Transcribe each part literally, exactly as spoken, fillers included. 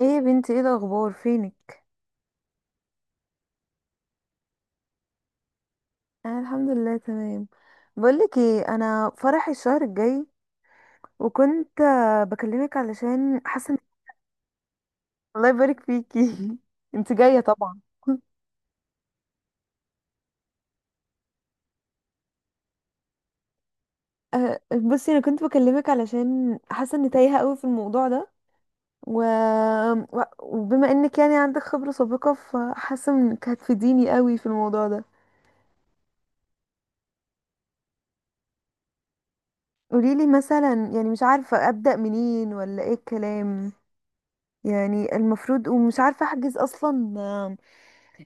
ايه يا بنتي، ايه الاخبار؟ فينك؟ انا الحمد لله تمام. بقولك ايه، انا فرحي الشهر الجاي. وكنت آه، بكلمك علشان حاسه إن- الله يبارك فيكي انت جايه طبعا. آه، بصي، انا كنت بكلمك علشان حاسه اني تايهه قوي في الموضوع ده و... و- وبما انك يعني عندك خبره سابقه، فحاسه انك هتفيديني قوي في الموضوع ده. قوليلي مثلا، يعني مش عارفه ابدا منين ولا ايه الكلام، يعني المفروض، ومش عارفه احجز اصلا.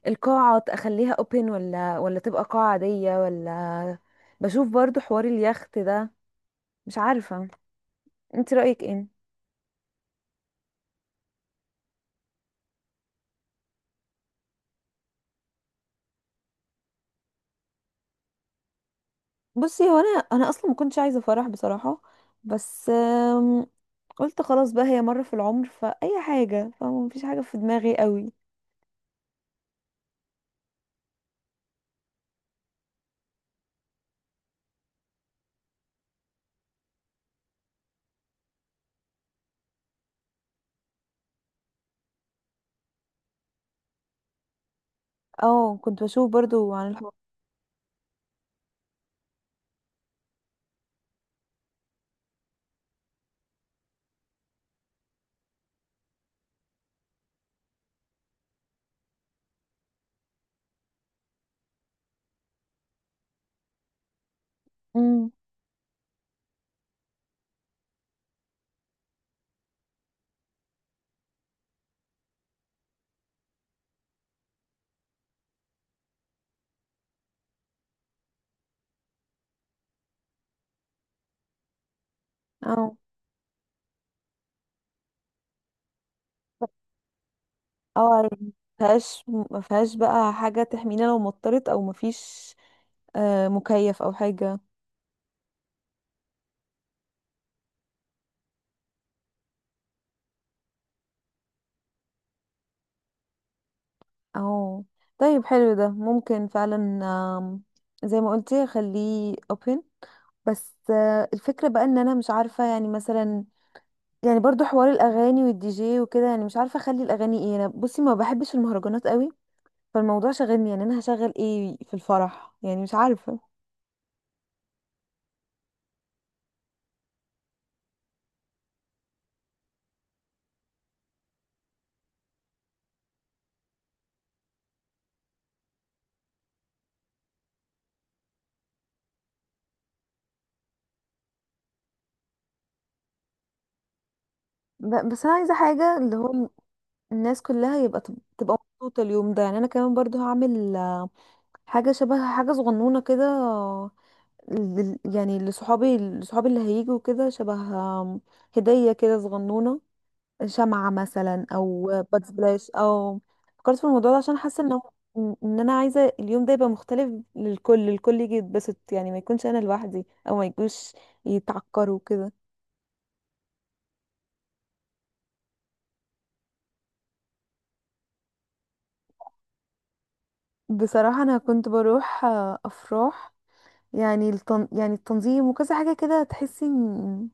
القاعة اخليها اوبن ولا ولا تبقى قاعة عادية، ولا بشوف برضو حوار اليخت ده؟ مش عارفة، انت رأيك ايه؟ بصي، هو انا انا اصلا ما كنتش عايزة فرح بصراحة، بس آم، قلت خلاص بقى، هي مرة في العمر فأي حاجة، فما فيش حاجة في دماغي قوي. اه، كنت بشوف برضو عن الحوار. امم. اه، اه، عارف. مفيهاش مفيهاش بقى حاجة تحمينا لو مطرت، او مفيش آه، مكيف او حاجة. اه، طيب حلو ده، ممكن فعلا. آم، زي ما قلتي خليه open. بس آه، الفكرة بقى ان انا مش عارفة، يعني مثلا، يعني برضو حوار الاغاني والدي جي وكده، يعني مش عارفة اخلي الاغاني ايه. انا بصي ما بحبش المهرجانات قوي، فالموضوع شاغلني، يعني انا هشغل ايه في الفرح، يعني مش عارفة. ب- بس انا عايزة حاجة، اللي هو الناس كلها يبقى تب- تبقى مبسوطة اليوم ده، يعني انا كمان برضو هعمل آه، حاجة شبه حاجة صغنونة كده لل- يعني لصحابي لصحابي اللي هيجوا، كده شبه آم، هدية كده صغنونة، شمعة مثلا او بادز بلاش. او فكرت في الموضوع ده عشان حاسة انه ان إن انا عايزة اليوم ده يبقى مختلف للكل، الكل يجي يتبسط، يعني ما يكونش انا لوحدي او ما يجوش يتعكروا كده. بصراحة انا كنت بروح آه، افراح، يعني التن... يعني التنظيم وكذا حاجة كده، تحسي إن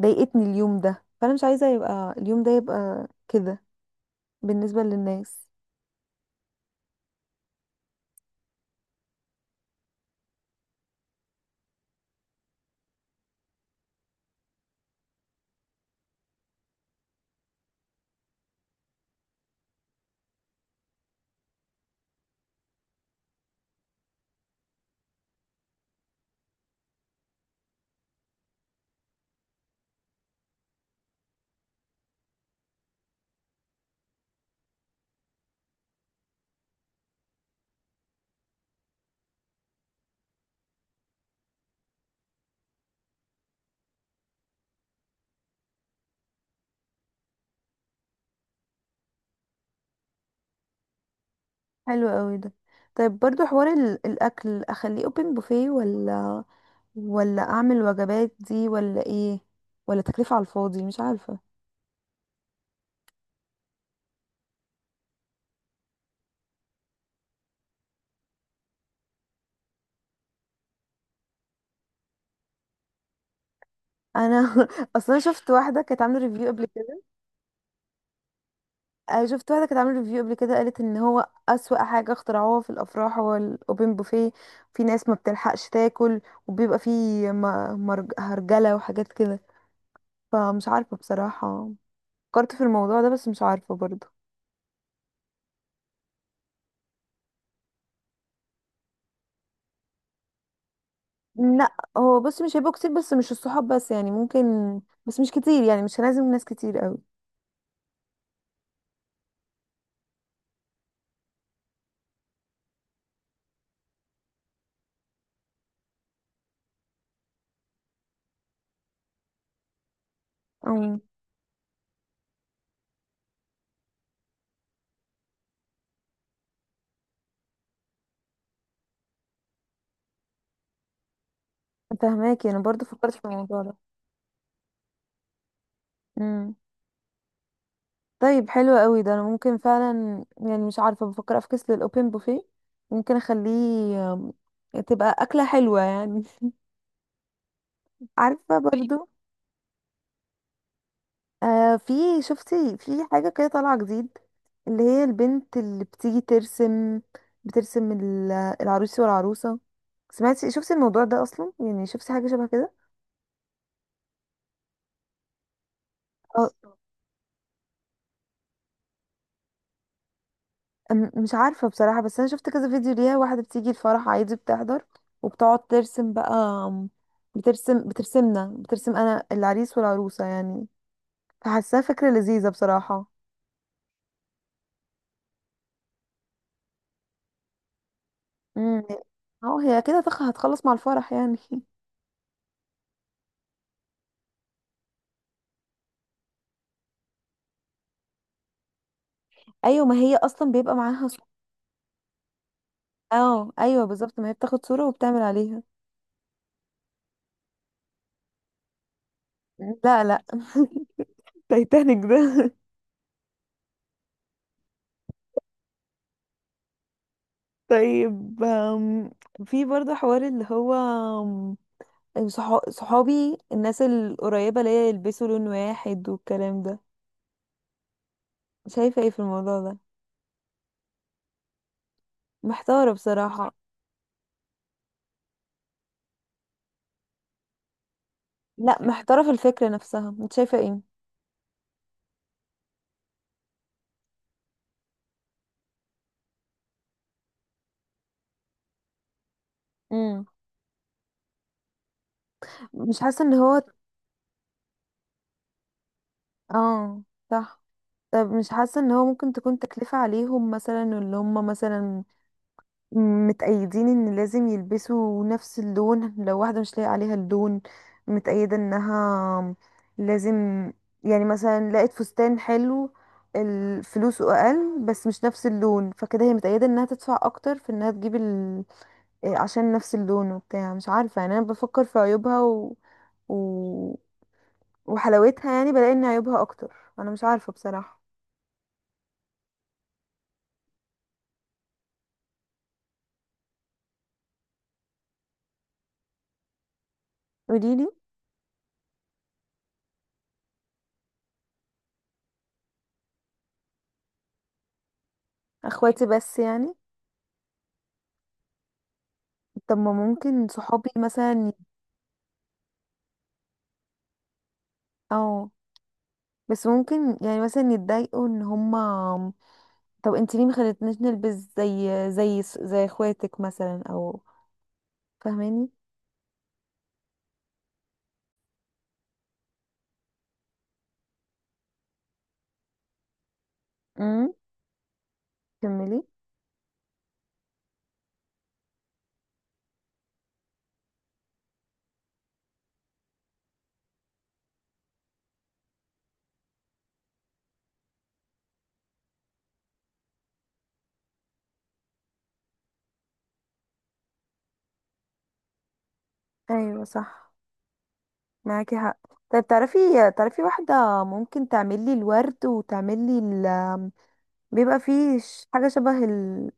ضايقتني اليوم ده، فانا مش عايزة يبقى اليوم ده يبقى كده بالنسبة للناس. حلو قوي ده. طيب برضو حوار ال- الاكل، اخليه اوبن بوفيه، ولا ولا اعمل وجبات دي، ولا ايه، ولا تكلفة على الفاضي، مش عارفة. انا اصلا شفت واحدة كانت عاملة ريفيو قبل كده. آه، شفت واحدة كانت عاملة ريفيو قبل كده، قالت ان هو اسوأ حاجة اخترعوها في الافراح هو الاوبن بوفيه، في ناس ما بتلحقش تاكل، وبيبقى فيه م- مرج- هرجلة وحاجات كده، فمش عارفة بصراحة. فكرت في الموضوع ده بس مش عارفة برضو. لا هو بص، مش هيبقوا كتير، بس مش الصحاب بس يعني، ممكن بس مش كتير، يعني مش لازم ناس كتير قوي. او فهماكي، انا برضو فكرت في الموضوع ده. امم. طيب حلو قوي ده، انا ممكن فعلا، يعني مش عارفه، بفكر افكس للاوبن بوفيه، ممكن اخليه آم، تبقى اكله حلوه يعني عارفه برضو. آه في، شفتي في حاجة كده طالعة جديد، اللي هي البنت اللي بتيجي ترسم، بترسم ال- العروس والعروسة. سمعتي؟ شفتي الموضوع ده أصلا؟ يعني شفتي حاجة شبه كده؟ اه. أم- مش عارفة بصراحة، بس أنا شفت كذا فيديو ليها، واحدة بتيجي الفرح عادي، بتحضر وبتقعد ترسم بقى، بترسم بترسمنا بترسم أنا العريس والعروسة يعني. فحاساها فكرة لذيذة بصراحة. امم. اه، هي كده تخ- هتخلص مع الفرح يعني ايوه، ما هي اصلا بيبقى معاها. اه، ايوه بالظبط، ما هي بتاخد صورة وبتعمل عليها. لا، لا. تايتانيك ده طيب آم، في برضه حوار اللي هو آم، صحا- صحابي، الناس القريبة ليا، يلبسوا لون واحد والكلام ده. شايفة ايه في الموضوع ده؟ محتارة بصراحة. لا، محتارة في الفكرة نفسها، انت شايفة ايه؟ امم، مش حاسة ان هو. اه صح. طب مش حاسة ان هو ممكن تكون تكلفة عليهم مثلا، اللي هم مثلا متأيدين ان لازم يلبسوا نفس اللون، لو واحدة مش لاقي عليها اللون، متأيدة انها لازم، يعني مثلا لقت فستان حلو ال- فلوسه اقل بس مش نفس اللون، فكده هي متأيدة انها تدفع اكتر في انها تجيب ال... إيه، عشان نفس اللون وبتاع. مش عارفة، يعني انا بفكر في عيوبها و... و... وحلاوتها، يعني بلاقي ان عيوبها اكتر، انا مش عارفة بصراحة. قوليلي. اخواتي بس يعني، طب ما ممكن صحابي مثلا. اه، بس ممكن يعني مثلا يتضايقوا ان هما، طب انت ليه ما خلتنيش نلبس زي زي زي اخواتك مثلا، او فاهماني. امم، كملي. ايوه صح، معاكي حق. طيب تعرفي، تعرفي واحدة ممكن تعملي الورد، وتعملي ال، بيبقى فيه ش- حاجة شبه ال...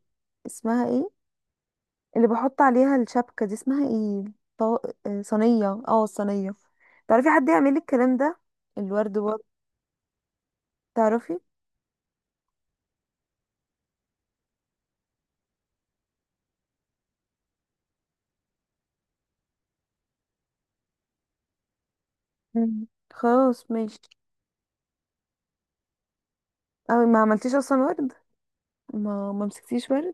اسمها ايه، اللي بحط عليها الشبكة دي اسمها ايه؟ طو... آه، صينية، اه الصينية. تعرفي حد يعمل لي الكلام ده، الورد برضه؟ تعرفي؟ مم. خلاص ماشي. اه، ما عملتيش اصلا ورد؟ ما ما مسكتيش ورد؟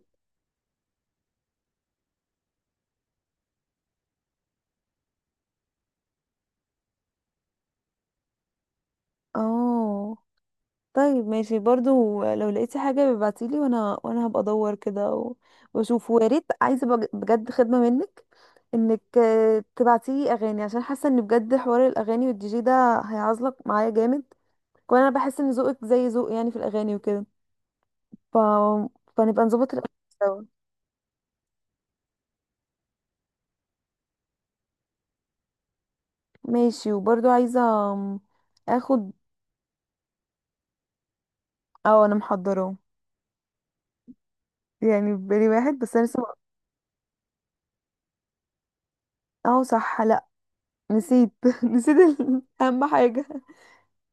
اه، طيب ماشي. برضو لو لقيتي حاجة ببعتيلي، وانا وانا هبقى ادور كده و- واشوف. ويا ريت، عايزة بج- بجد خدمة منك، انك آه، تبعتيلي اغاني، عشان حاسة ان بجد حوار الاغاني والدي جي ده هيعزلك معايا جامد، وانا بحس ان ذوقك زي ذوق يعني في الاغاني وكده ف... فنبقى نظبط الاغاني سوا. ماشي. وبرضو عايزة آم، اخد. اه، انا محضراه، يعني في بالي واحد، بس انا لسه ما- اه صح. لا نسيت نسيت ال- اهم حاجه.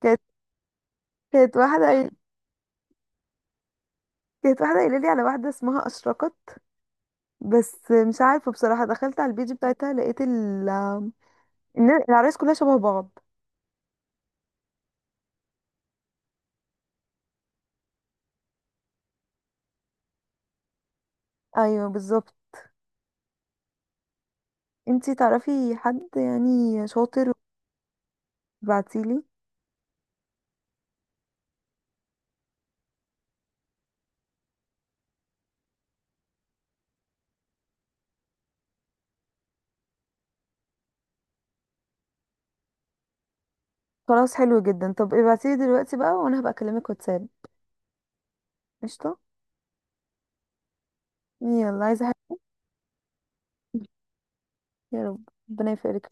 كانت كانت واحده قايل- كانت واحده قايله لي على واحده اسمها اشرقت، بس مش عارفه بصراحه، دخلت على البيج بتاعتها لقيت ال إن العرايس كلها شبه بعض. ايوه بالظبط، انتي تعرفي حد يعني شاطر؟ ابعتيلي. خلاص حلو جدا، طب ابعتيلي دلوقتي بقى، وانا هبقى اكلمك واتساب. قشطه. يلا، عايزه حاجه؟ يا رب، ربنا يفرجك.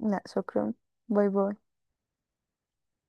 لا شكرا، باي باي.